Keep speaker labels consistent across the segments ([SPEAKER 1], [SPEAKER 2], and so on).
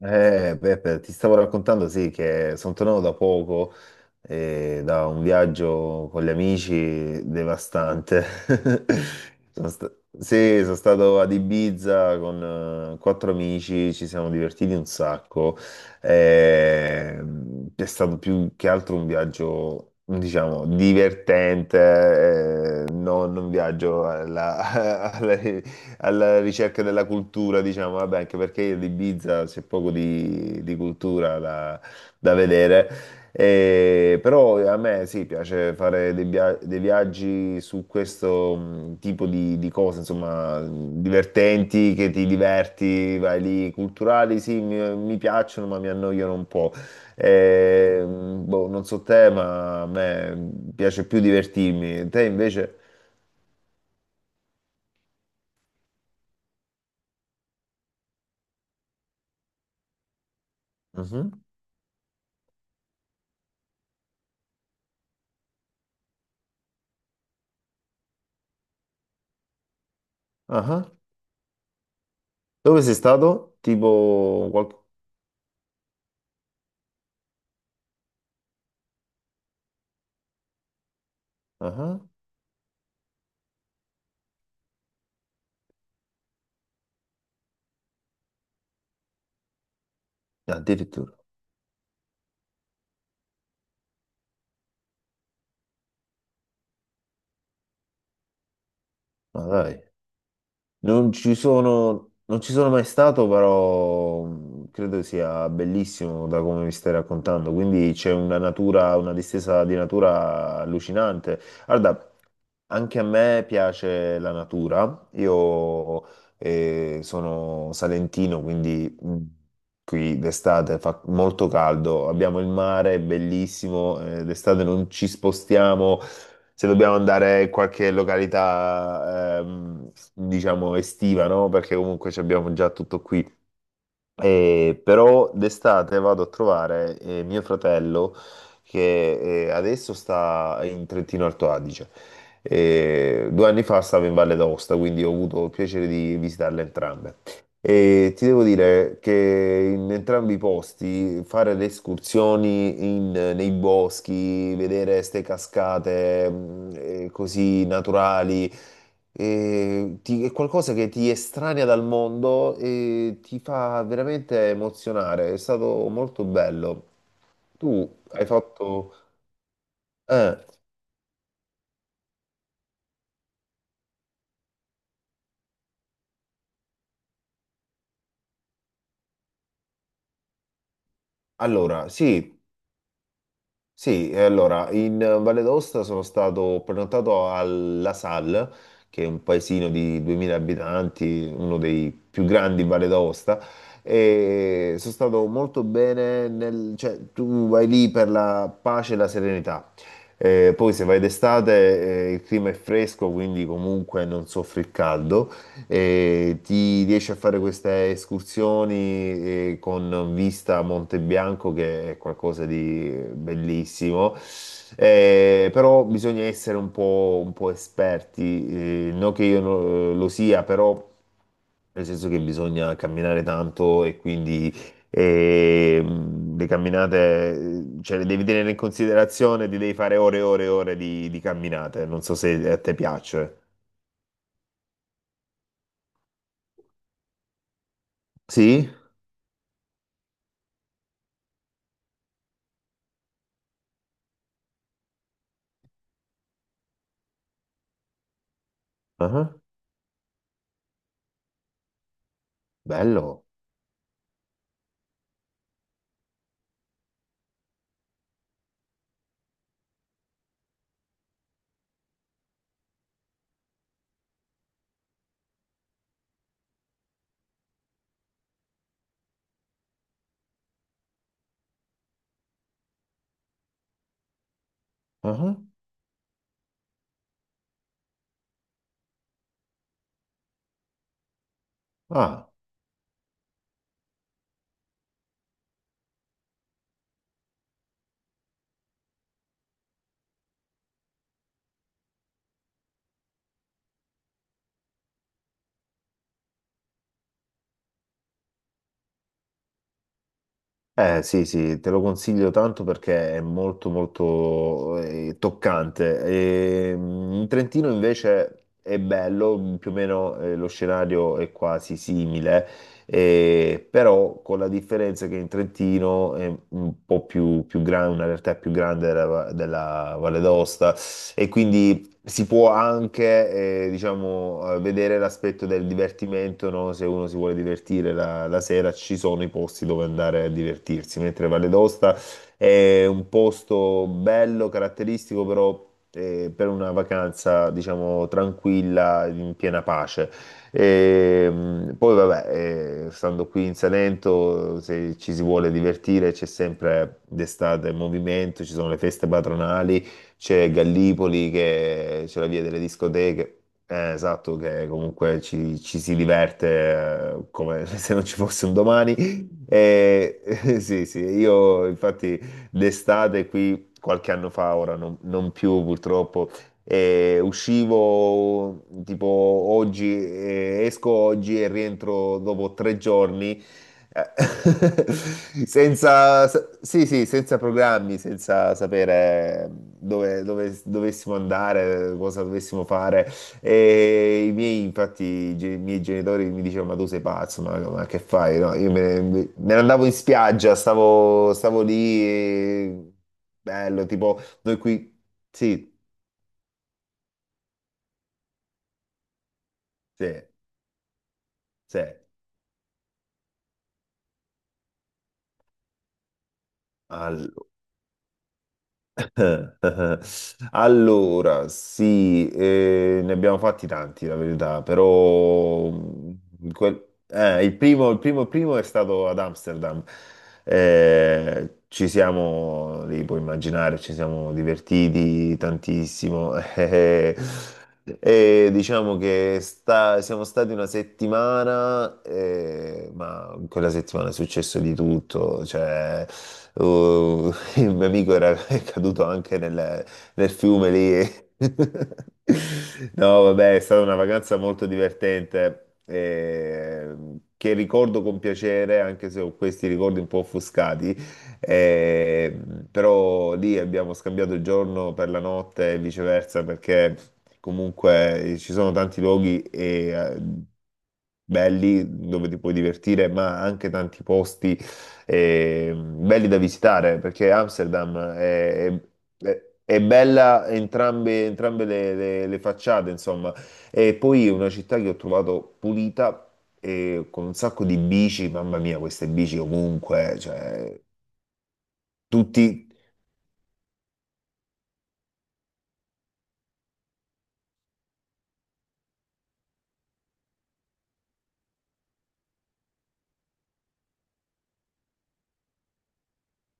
[SPEAKER 1] Peppe, ti stavo raccontando, sì, che sono tornato da poco da un viaggio con gli amici devastante. Sono sta- sì, sono stato ad Ibiza con quattro amici, ci siamo divertiti un sacco. Eh, è stato più che altro un viaggio, diciamo, divertente, non un viaggio alla, alla ricerca della cultura, diciamo, vabbè, anche perché ad Ibiza c'è poco di cultura da, da vedere. Però a me sì, piace fare dei viaggi su questo tipo di cose, insomma, divertenti, che ti diverti, vai lì, culturali sì, mi piacciono, ma mi annoiano un po'. E, boh, non so te, ma a me piace più divertirmi. Te invece? Mhm. Ah ah. Dove sei stato? Tipo qualche... Ah, addirittura. Ma dai. Non ci sono... non ci sono mai stato, però credo sia bellissimo da come mi stai raccontando. Quindi c'è una natura, una distesa di natura allucinante. Guarda, anche a me piace la natura. Io sono salentino, quindi qui d'estate fa molto caldo. Abbiamo il mare, è bellissimo. D'estate non ci spostiamo. Se dobbiamo andare in qualche località, diciamo estiva, no? Perché comunque ci abbiamo già tutto qui. Però d'estate vado a trovare mio fratello che adesso sta in Trentino Alto Adige. Due anni fa stavo in Valle d'Aosta, quindi ho avuto il piacere di visitarle entrambe. E ti devo dire che in entrambi i posti fare le escursioni nei boschi, vedere queste cascate così naturali. È qualcosa che ti estranea dal mondo e ti fa veramente emozionare. È stato molto bello. Tu hai fatto... eh, allora, sì. Sì, e allora in Valle d'Aosta sono stato prenotato a La Salle, che è un paesino di 2000 abitanti, uno dei più grandi in Valle d'Aosta, e sono stato molto bene nel, cioè tu vai lì per la pace e la serenità. Poi se vai d'estate, il clima è fresco, quindi comunque non soffri il caldo. E ti riesci a fare queste escursioni con vista a Monte Bianco, che è qualcosa di bellissimo. Però bisogna essere un po' esperti, non che io lo sia, però nel senso che bisogna camminare tanto e quindi eh, le camminate, cioè le devi tenere in considerazione, ti devi fare ore e ore e ore di camminate, non so se a te piace. Sì? Ah, bello. Ah, ah. Eh sì, sì, te lo consiglio tanto perché è molto molto toccante. E, mm, in Trentino invece è bello, mm, più o meno lo scenario è quasi simile, però con la differenza che in Trentino è un po' più grande, una realtà più grande della Valle d'Aosta e quindi si può anche, diciamo, vedere l'aspetto del divertimento, no? Se uno si vuole divertire la sera, ci sono i posti dove andare a divertirsi, mentre Valle d'Aosta è un posto bello, caratteristico, però per una vacanza, diciamo, tranquilla, in piena pace. E, poi, vabbè, stando qui in Salento, se ci si vuole divertire, c'è sempre d'estate movimento, ci sono le feste patronali, c'è Gallipoli, che c'è la via delle discoteche, esatto, che comunque ci si diverte come se non ci fosse un domani. E, sì, sì, io infatti l'estate qui, qualche anno fa, ora non più purtroppo. E uscivo tipo oggi, esco oggi e rientro dopo tre giorni eh, Senza, sa- sì, sì, senza programmi, senza sapere dove dovessimo andare, cosa dovessimo fare. E i miei, infatti, i miei genitori mi dicevano: Ma tu sei pazzo, ma che fai? No, me ne andavo in spiaggia, stavo lì, e- bello, tipo noi qui. Sì, sì, sì. Allora. Allora, sì, ne abbiamo fatti tanti, la verità, però il primo è stato ad Amsterdam. Ci siamo, lì puoi immaginare, ci siamo divertiti tantissimo. E diciamo che siamo stati una settimana, ma in quella settimana è successo di tutto. Cioè, il mio amico era è caduto anche nel fiume lì. No, vabbè, è stata una vacanza molto divertente, che ricordo con piacere, anche se ho questi ricordi un po' offuscati. Eh, però lì abbiamo scambiato il giorno per la notte e viceversa perché comunque ci sono tanti luoghi e, eh, belli dove ti puoi divertire, ma anche tanti posti belli da visitare, perché è bella entrambe, entrambe le facciate, insomma. E poi è una città che ho trovato pulita, e con un sacco di bici, mamma mia, queste bici ovunque, cioè, tutti.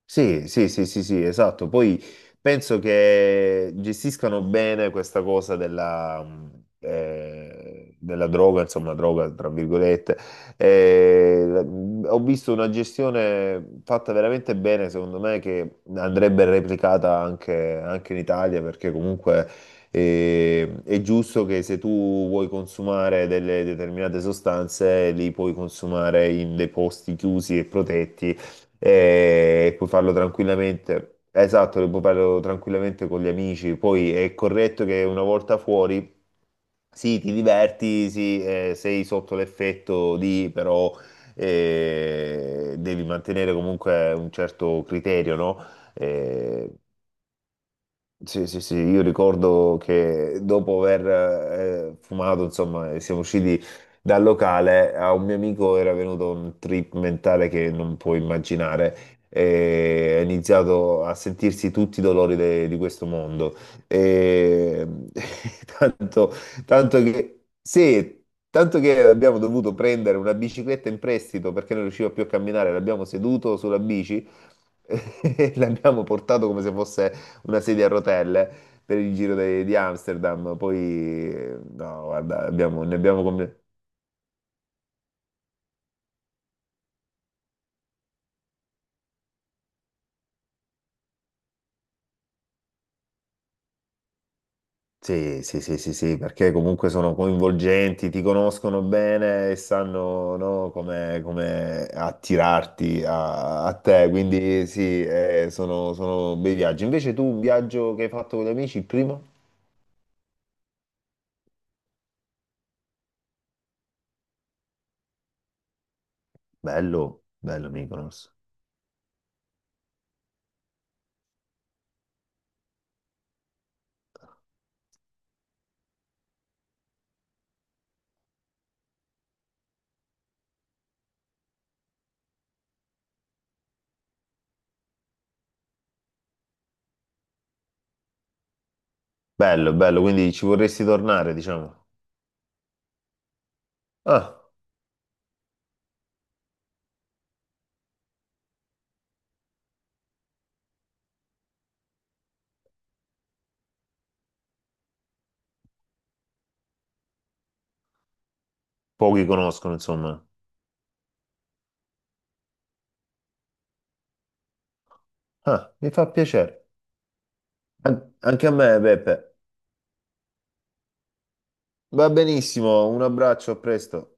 [SPEAKER 1] Sì, sì, sì, sì, sì, esatto. Poi penso che gestiscano bene questa cosa della droga, insomma, droga, tra virgolette. Ho visto una gestione fatta veramente bene, secondo me, che andrebbe replicata anche, anche in Italia, perché comunque è giusto che se tu vuoi consumare delle determinate sostanze, li puoi consumare in dei posti chiusi e protetti e puoi farlo tranquillamente. Esatto, lo puoi farlo tranquillamente con gli amici. Poi è corretto che una volta fuori, sì, ti diverti, sì, sei sotto l'effetto di, però devi mantenere comunque un certo criterio, no? Eh, sì, sì, sì, io ricordo che dopo aver fumato, insomma, siamo usciti dal locale, a un mio amico era venuto un trip mentale che non puoi immaginare e ha iniziato a sentirsi tutti i dolori di questo mondo. E... Tanto, tanto che, sì, tanto che abbiamo dovuto prendere una bicicletta in prestito perché non riusciva più a camminare, l'abbiamo seduto sulla bici. E l'abbiamo portato come se fosse una sedia a rotelle per il di Amsterdam. Poi, no, guarda, ne abbiamo come... Sì, sì, sì, sì, sì, perché comunque sono coinvolgenti, ti conoscono bene e sanno, no, come attirarti a te, quindi sì, sono bei viaggi. Invece tu un viaggio che hai fatto con gli amici, il primo? Bello, bello Mykonos. Bello, bello, quindi ci vorresti tornare, diciamo. Ah, pochi conoscono, insomma. Ah, mi fa piacere. Anche a me, Beppe. Va benissimo, un abbraccio, a presto.